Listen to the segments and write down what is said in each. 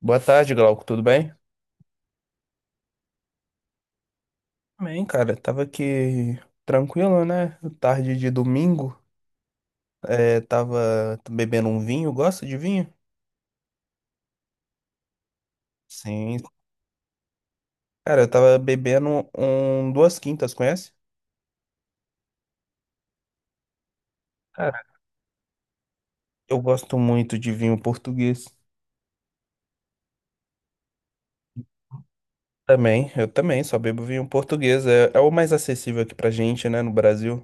Boa tarde, Glauco, tudo bem? Bem, cara, tava aqui tranquilo, né? Tarde de domingo, tava bebendo um vinho, gosta de vinho? Sim. Cara, eu tava bebendo um Duas Quintas, conhece? Cara, eu gosto muito de vinho português. Também, eu também, só bebo vinho português, é, é o mais acessível aqui pra gente, né, no Brasil.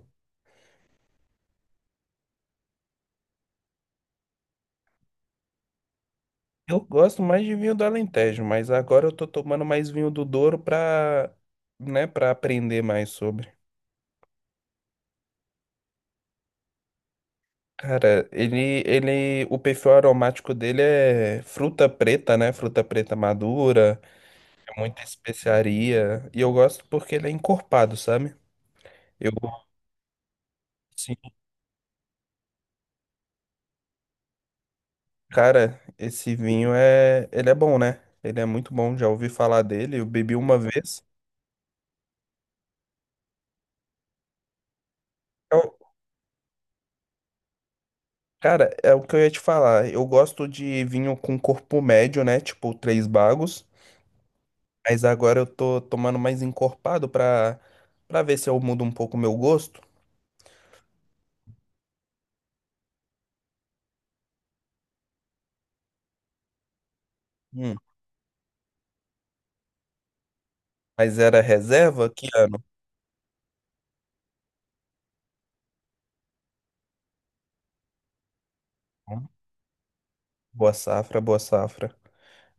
Eu gosto mais de vinho do Alentejo, mas agora eu tô tomando mais vinho do Douro pra, né, pra aprender mais sobre. Cara, ele, o perfil aromático dele é fruta preta, né? Fruta preta madura, é muita especiaria. E eu gosto porque ele é encorpado, sabe? Eu, assim, cara, esse vinho é, ele é bom, né? Ele é muito bom, já ouvi falar dele, eu bebi uma vez. Eu- Cara, é o que eu ia te falar. Eu gosto de vinho com corpo médio, né? Tipo, três bagos. Mas agora eu tô tomando mais encorpado pra ver se eu mudo um pouco o meu gosto. Hum. Mas era reserva? Que ano? Hum, Boa safra, boa safra.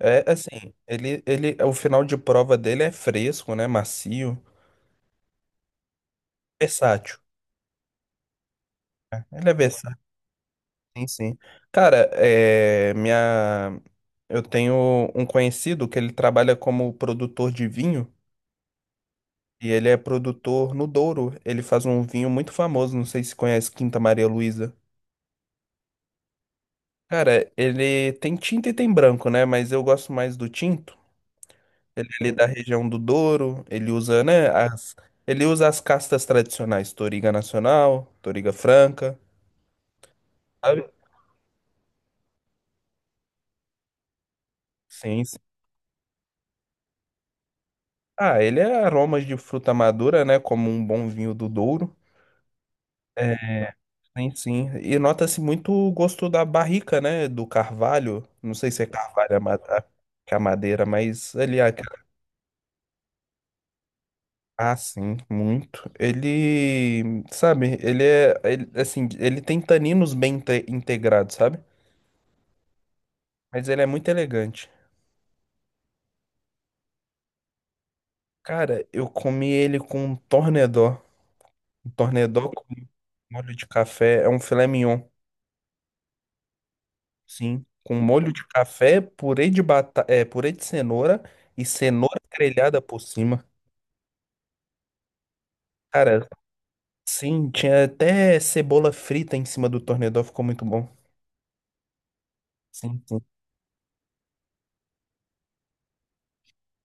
É assim, ele, o final de prova dele é fresco, né? Macio, versátil. Ele é versátil, sim, sim. Cara, é, minha, eu tenho um conhecido que ele trabalha como produtor de vinho e ele é produtor no Douro. Ele faz um vinho muito famoso, não sei se conhece Quinta Maria Luísa. Cara, ele tem tinta e tem branco, né? Mas eu gosto mais do tinto. Ele é ali da região do Douro, ele usa, né, as, ele usa as castas tradicionais, Toriga Nacional, Toriga Franca, sabe? Sim, sim. Ah, ele é aromas de fruta madura, né, como um bom vinho do Douro. É, sim, sim. E nota-se muito o gosto da barrica, né, do carvalho. Não sei se é carvalho que é a madeira, mas ele é... Ah, sim, muito. Ele, sabe, ele é, ele, assim, ele tem taninos bem integrados, sabe? Mas ele é muito elegante. Cara, eu comi ele com um tornedó. Um tornedó com molho de café. É um filé mignon, sim. Com molho de café, é, purê de cenoura e cenoura grelhada por cima. Cara, sim, tinha até cebola frita em cima do tornedó, ficou muito bom. Sim, sim.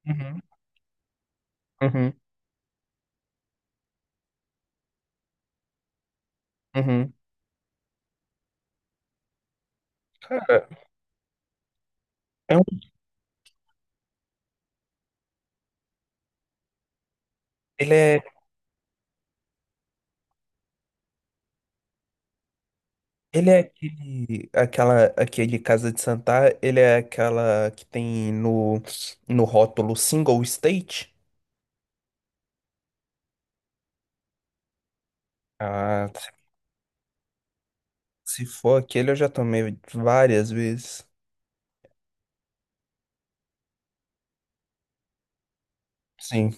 Uhum, uhum, uhum. Cara, é um... ele é, ele é aquele Casa de Santar, ele é aquela que tem no, no rótulo single state. Ah, se for aquele, eu já tomei várias vezes. Sim.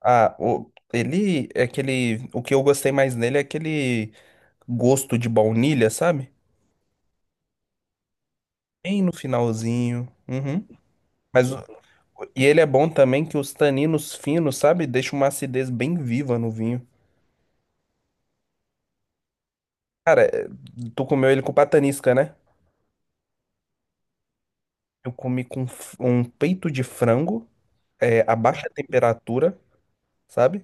Ah, o, ele é aquele. O que eu gostei mais nele é aquele gosto de baunilha, sabe? Bem no finalzinho. Uhum. Mas, e ele é bom também que os taninos finos, sabe? Deixa uma acidez bem viva no vinho. Cara, é, tu comeu ele com patanisca, né? Eu comi com um peito de frango, é, a baixa temperatura, sabe?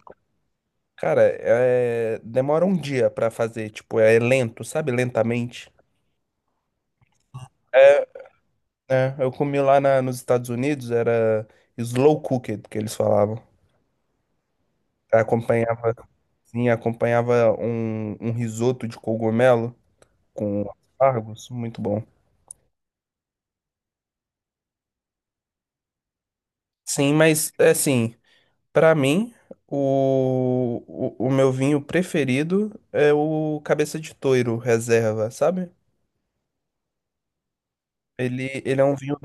Cara, demora um dia pra fazer, tipo, é lento, sabe? Lentamente. É, é, eu comi nos Estados Unidos, era slow cooked que eles falavam. Acompanhava, sim, acompanhava um risoto de cogumelo com aspargos, muito bom. Sim, mas é assim, pra mim, o, o meu vinho preferido é o Cabeça de Touro Reserva, sabe? Ele é um vinho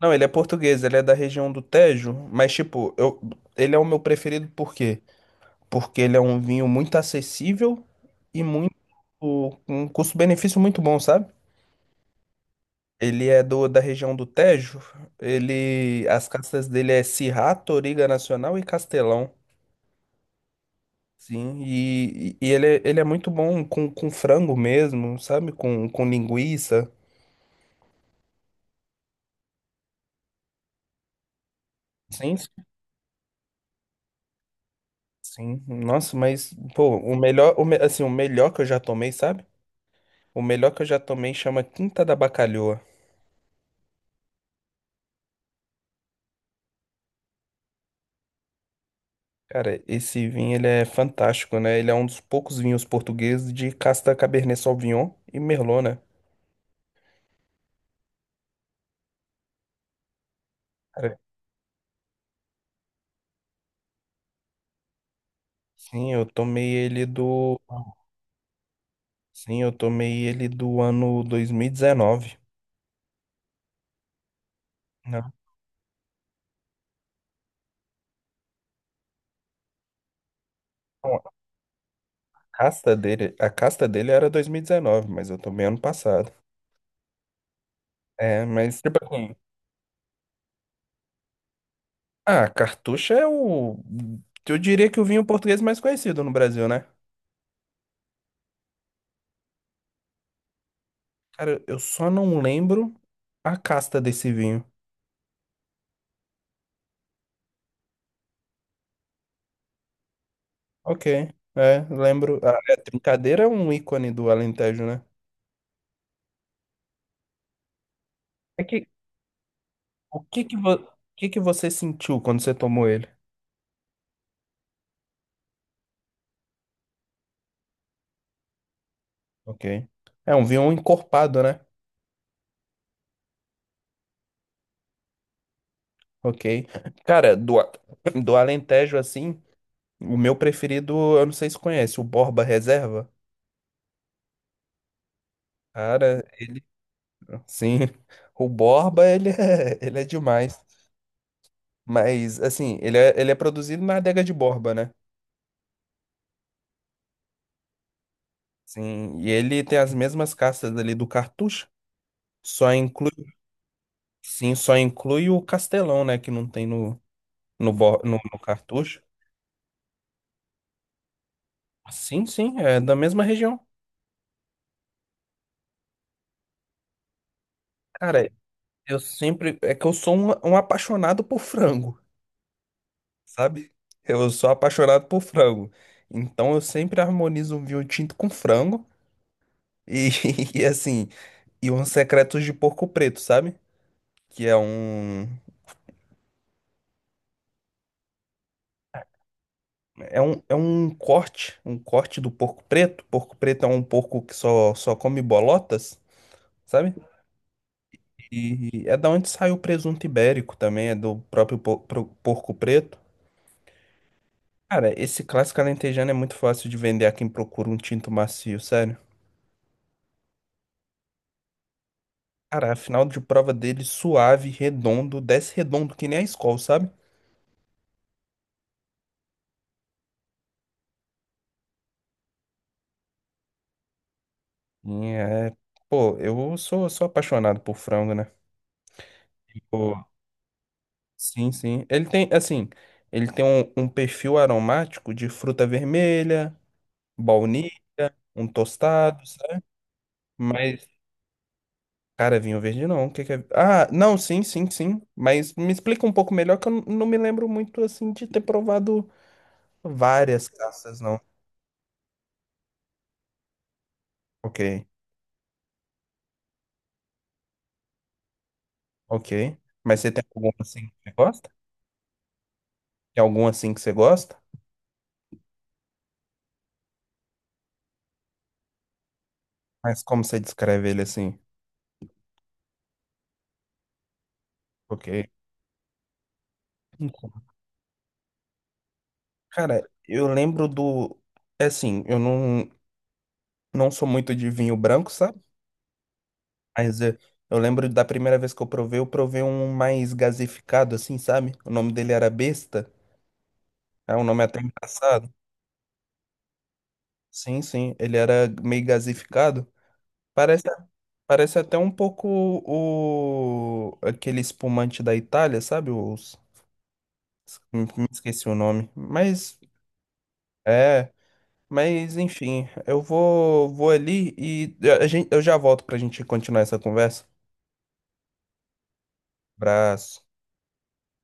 não, ele é português, ele é da região do Tejo, mas tipo, eu, ele é o meu preferido por quê? Porque ele é um vinho muito acessível e muito, um custo-benefício muito bom, sabe? Ele é da região do Tejo, ele, as castas dele é Syrah, Toriga Nacional e Castelão, sim, e ele, ele é muito bom com frango mesmo, sabe? Com linguiça, sim, sim, nossa, mas, pô, o melhor, assim, o melhor que eu já tomei, sabe? O melhor que eu já tomei chama Quinta da Bacalhoa. Cara, esse vinho ele é fantástico, né? Ele é um dos poucos vinhos portugueses de casta Cabernet Sauvignon e Merlot, né? Cara, sim, eu tomei ele do, sim, eu tomei ele do ano dois mil e não, não, a casta dele era 2019, mas eu tomei ano passado. É, mas tipo assim, ah, Cartucho é o, eu diria que o vinho português mais conhecido no Brasil, né? Cara, eu só não lembro a casta desse vinho. Ok, é, lembro. A é, Trincadeira é um ícone do Alentejo, né? É que, o que que você sentiu quando você tomou ele? Ok. É um vinho encorpado, né? Ok. Cara, do Alentejo, assim, o meu preferido, eu não sei se conhece, o Borba Reserva. Cara, ele. Sim, o Borba, ele é, ele é demais. Mas, assim, ele é produzido na adega de Borba, né? Sim, e ele tem as mesmas castas ali do Cartucho, só inclui, sim, só inclui o Castelão, né, que não tem no, no Cartucho. Sim, sim, é da mesma região. Cara, eu sempre, é que eu sou um apaixonado por frango, sabe? Eu sou apaixonado por frango. Então eu sempre harmonizo um vinho tinto com frango e, e assim, e uns secretos de porco preto, sabe? Que é um. É um, é um corte, um corte do porco preto. Porco preto é um porco que só come bolotas, sabe? E é da onde sai o presunto ibérico também, é do próprio porco preto. Cara, esse clássico alentejano é muito fácil de vender a quem procura um tinto macio, sério. Cara, a final de prova dele suave, redondo, desce redondo que nem a Skol, sabe? E é, pô, eu sou, sou apaixonado por frango, né? Sim, sim. Ele tem, assim, ele tem um, um perfil aromático de fruta vermelha, baunilha, um tostado, sabe? Mas, cara, vinho verde não. O que que é? Ah, não, sim, sim, sim. Mas me explica um pouco melhor que eu não me lembro muito, assim, de ter provado várias caças, não. Ok, ok. Mas você tem algum, assim, que você gosta? Tem algum, assim, que você gosta? Mas como você descreve ele, assim? Ok. Então, cara, eu lembro do... É assim, eu não. Não sou muito de vinho branco, sabe? Mas eu lembro da primeira vez que eu provei um mais gasificado, assim, sabe? O nome dele era Besta. É um nome até engraçado. Sim, sim. Ele era meio gasificado. Parece, parece até um pouco o aquele espumante da Itália, sabe? Os, me esqueci o nome. Mas é. Mas enfim, eu vou, vou ali e eu já volto pra gente continuar essa conversa. Abraço.